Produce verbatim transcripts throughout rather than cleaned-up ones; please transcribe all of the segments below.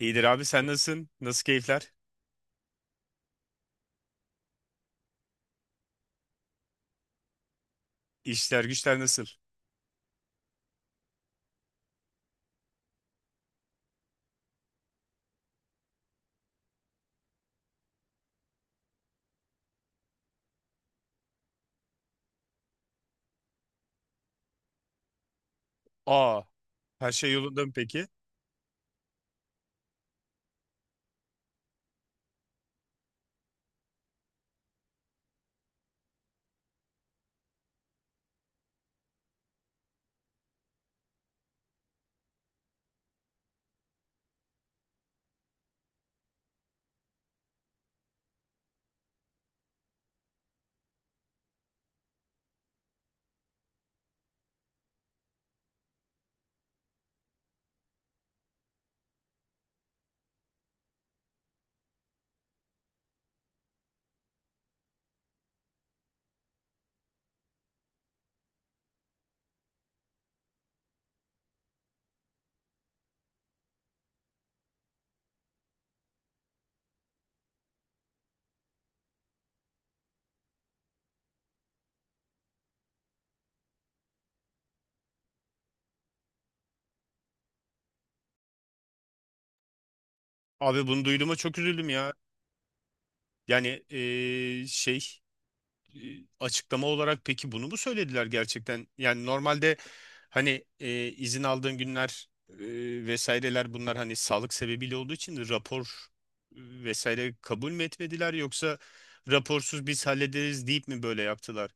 İyidir abi, sen nasılsın? Nasıl keyifler? İşler güçler nasıl? Aa, her şey yolunda mı peki? Abi, bunu duyduğuma çok üzüldüm ya. Yani eee, şey, eee, açıklama olarak peki bunu mu söylediler gerçekten? Yani normalde hani eee, izin aldığın günler, eee, vesaireler, bunlar hani sağlık sebebiyle olduğu için rapor eee, vesaire kabul mü etmediler, yoksa raporsuz biz hallederiz deyip mi böyle yaptılar?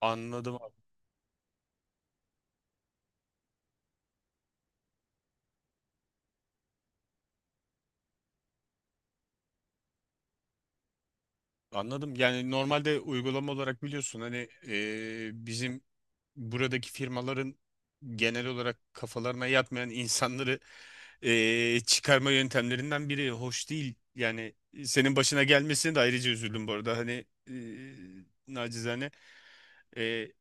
Anladım. Anladım. Yani normalde uygulama olarak biliyorsun, hani e, bizim buradaki firmaların genel olarak kafalarına yatmayan insanları e, çıkarma yöntemlerinden biri hoş değil. Yani senin başına gelmesine de ayrıca üzüldüm bu arada. Hani e, nacizane. E,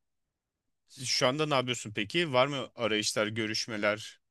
Şu anda ne yapıyorsun peki? Var mı arayışlar, görüşmeler?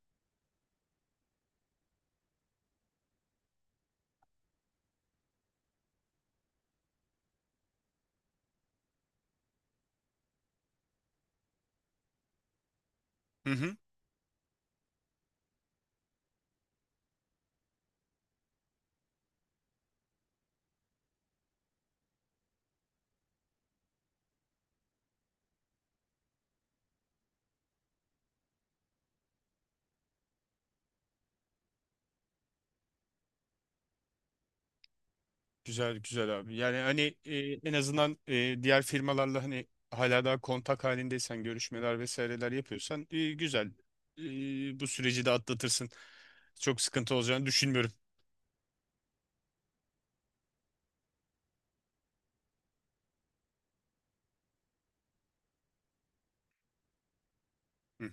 Güzel güzel abi. Yani hani e, en azından e, diğer firmalarla hani hala daha kontak halindeysen, görüşmeler vesaireler yapıyorsan, e, güzel. E, bu süreci de atlatırsın. Çok sıkıntı olacağını düşünmüyorum. Hı.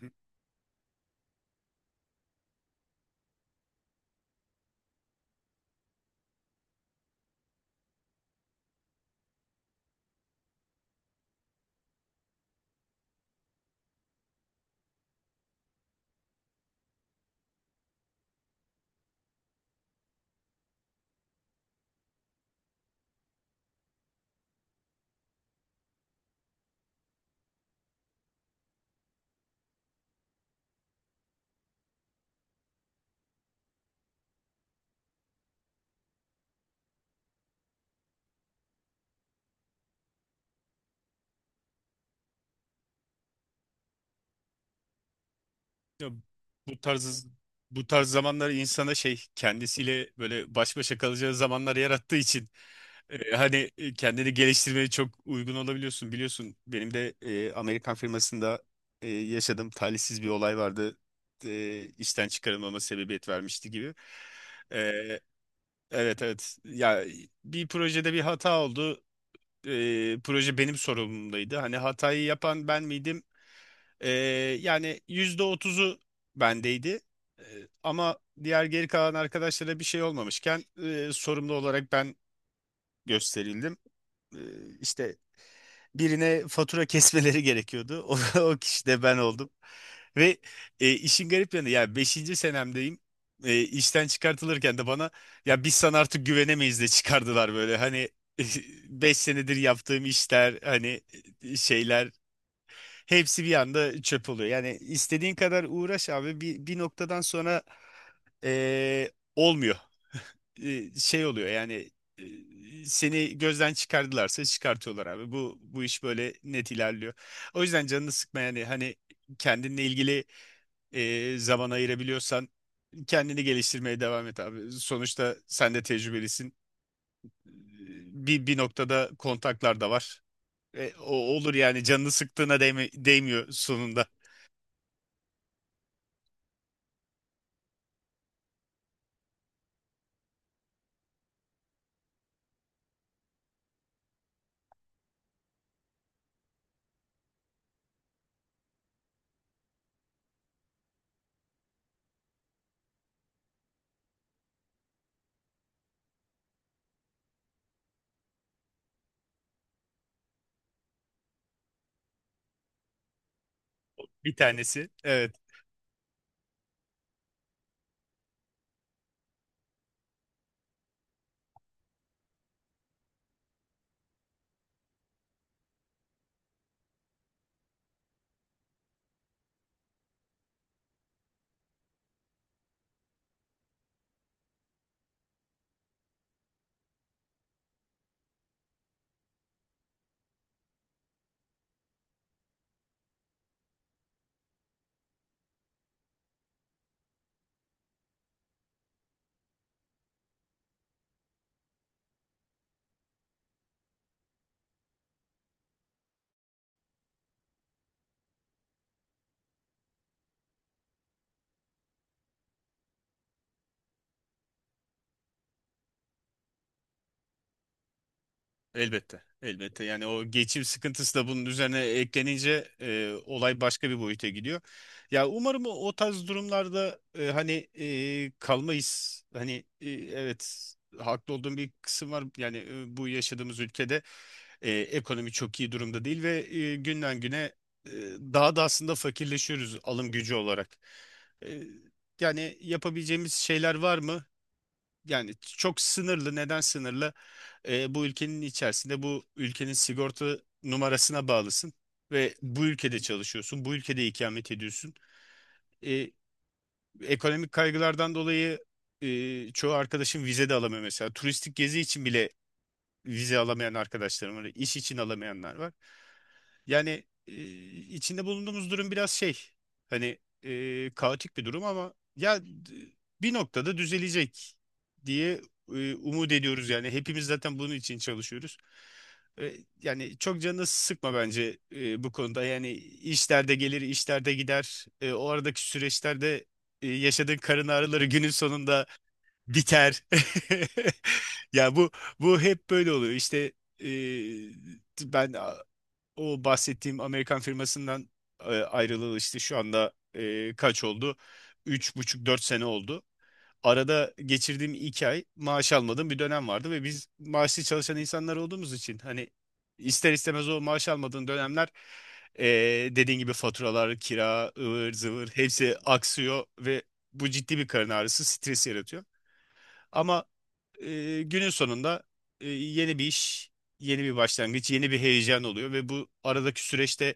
Ya bu tarz bu tarz zamanlar insana şey, kendisiyle böyle baş başa kalacağı zamanlar yarattığı için e, hani e, kendini geliştirmeye çok uygun olabiliyorsun. Biliyorsun benim de e, Amerikan firmasında e, yaşadığım talihsiz bir olay vardı. E, işten çıkarılmama sebebiyet vermişti gibi. E, evet, evet. Ya bir projede bir hata oldu. E, proje benim sorumluluğumdaydı. Hani hatayı yapan ben miydim? Ee, Yani yüzde otuzu bendeydi. Ee, Ama diğer geri kalan arkadaşlara bir şey olmamışken, e, sorumlu olarak ben gösterildim. Ee, işte birine fatura kesmeleri gerekiyordu. O, o kişi de ben oldum. Ve e, işin garip yanı, ya beşinci senemdeyim. E, işten çıkartılırken de bana "ya biz sana artık güvenemeyiz" de çıkardılar böyle. Hani beş senedir yaptığım işler, hani e, şeyler, hepsi bir anda çöp oluyor. Yani istediğin kadar uğraş abi, bir, bir noktadan sonra eee, olmuyor. Eee, şey oluyor yani, eee, seni gözden çıkardılarsa çıkartıyorlar abi. Bu bu iş böyle net ilerliyor. O yüzden canını sıkma, yani hani kendinle ilgili eee, zaman ayırabiliyorsan, kendini geliştirmeye devam et abi. Sonuçta sen de tecrübelisin. Bir, bir noktada kontaklar da var. E, o olur yani, canını sıktığına değme- değmiyor sonunda. Bir tanesi. Evet. Elbette. Elbette. Yani o geçim sıkıntısı da bunun üzerine eklenince e, olay başka bir boyuta gidiyor. Ya umarım o, o tarz durumlarda e, hani e, kalmayız. Hani e, evet, haklı olduğum bir kısım var. Yani e, bu yaşadığımız ülkede e, ekonomi çok iyi durumda değil ve e, günden güne e, daha da aslında fakirleşiyoruz, alım gücü olarak. E, Yani yapabileceğimiz şeyler var mı? Yani çok sınırlı. Neden sınırlı? Ee, bu ülkenin içerisinde bu ülkenin sigorta numarasına bağlısın ve bu ülkede çalışıyorsun, bu ülkede ikamet ediyorsun. Ee, Ekonomik kaygılardan dolayı e, çoğu arkadaşım vize de alamıyor mesela. Turistik gezi için bile vize alamayan arkadaşlarım var, iş için alamayanlar var. Yani e, içinde bulunduğumuz durum biraz şey, hani e, kaotik bir durum, ama ya d- bir noktada düzelecek diye e, umut ediyoruz yani. Hepimiz zaten bunun için çalışıyoruz. E, Yani çok canını sıkma bence e, bu konuda. Yani işlerde gelir, işlerde gider. E, o aradaki süreçlerde e, yaşadığın karın ağrıları günün sonunda biter. Ya bu bu hep böyle oluyor. İşte e, ben o bahsettiğim Amerikan firmasından e, ayrılalı işte şu anda e, kaç oldu? Üç buçuk, dört sene oldu. Arada geçirdiğim iki ay maaş almadığım bir dönem vardı ve biz maaşlı çalışan insanlar olduğumuz için, hani ister istemez o maaş almadığın dönemler, e, dediğin gibi faturalar, kira, ıvır zıvır hepsi aksıyor ve bu ciddi bir karın ağrısı, stres yaratıyor. Ama e, günün sonunda e, yeni bir iş, yeni bir başlangıç, yeni bir heyecan oluyor ve bu aradaki süreçte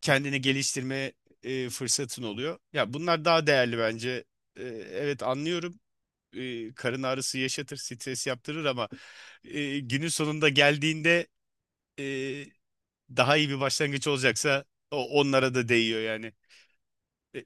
kendini geliştirme e, fırsatın oluyor. Ya bunlar daha değerli bence. E, evet, anlıyorum. E, karın ağrısı yaşatır, stres yaptırır, ama e, günün sonunda geldiğinde e, daha iyi bir başlangıç olacaksa o onlara da değiyor yani. E,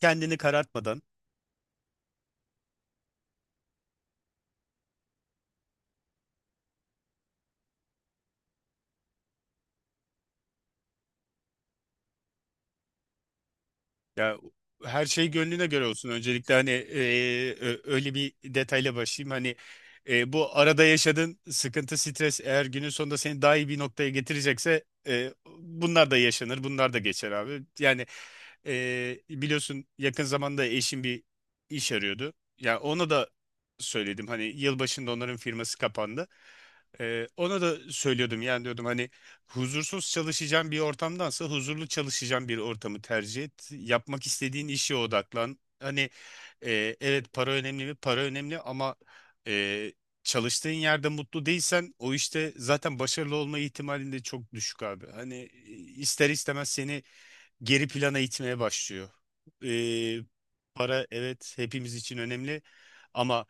Kendini karartmadan. Ya her şey gönlüne göre olsun. Öncelikle hani e, ö- öyle bir detayla başlayayım. Hani e, bu arada yaşadığın sıkıntı, stres eğer günün sonunda seni daha iyi bir noktaya getirecekse, e, bunlar da yaşanır, bunlar da geçer abi. Yani e, biliyorsun, yakın zamanda eşim bir iş arıyordu. Ya ona da söyledim. Hani yılbaşında onların firması kapandı. E, ona da söylüyordum. Yani diyordum hani huzursuz çalışacağın bir ortamdansa huzurlu çalışacağın bir ortamı tercih et. Yapmak istediğin işe odaklan. Hani e, evet, para önemli mi? Para önemli, ama e, çalıştığın yerde mutlu değilsen o işte zaten başarılı olma ihtimalin de çok düşük abi. Hani e, ister istemez seni geri plana itmeye başlıyor. Ee, Para, evet, hepimiz için önemli, ama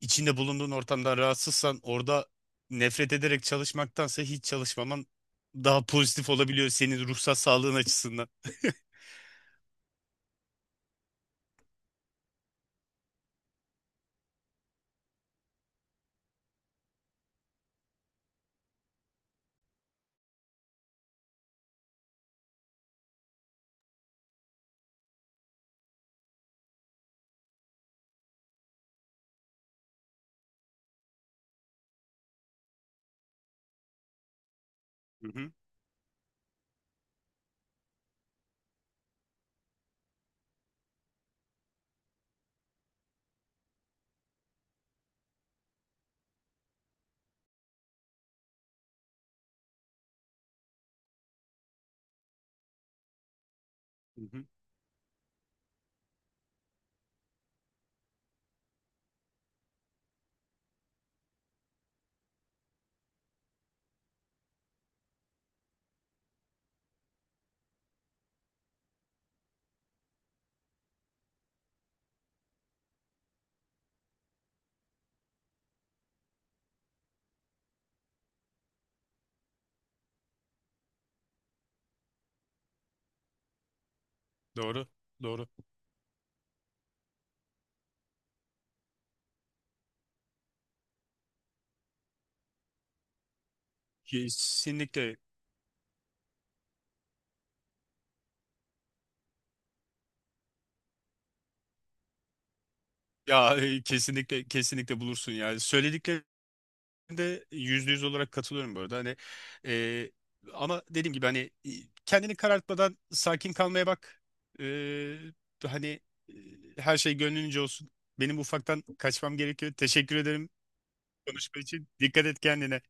içinde bulunduğun ortamdan rahatsızsan orada nefret ederek çalışmaktansa hiç çalışmaman daha pozitif olabiliyor senin ruhsal sağlığın açısından. Hı hı. Hı hı. Doğru, doğru. Kesinlikle. Ya e, kesinlikle, kesinlikle bulursun. Yani söylediklerinde yüzde yüz olarak katılıyorum bu arada, hani e, ama dediğim gibi hani e, kendini karartmadan sakin kalmaya bak. E, hani e, her şey gönlünce olsun. Benim ufaktan kaçmam gerekiyor, teşekkür ederim konuşma için. Dikkat et kendine.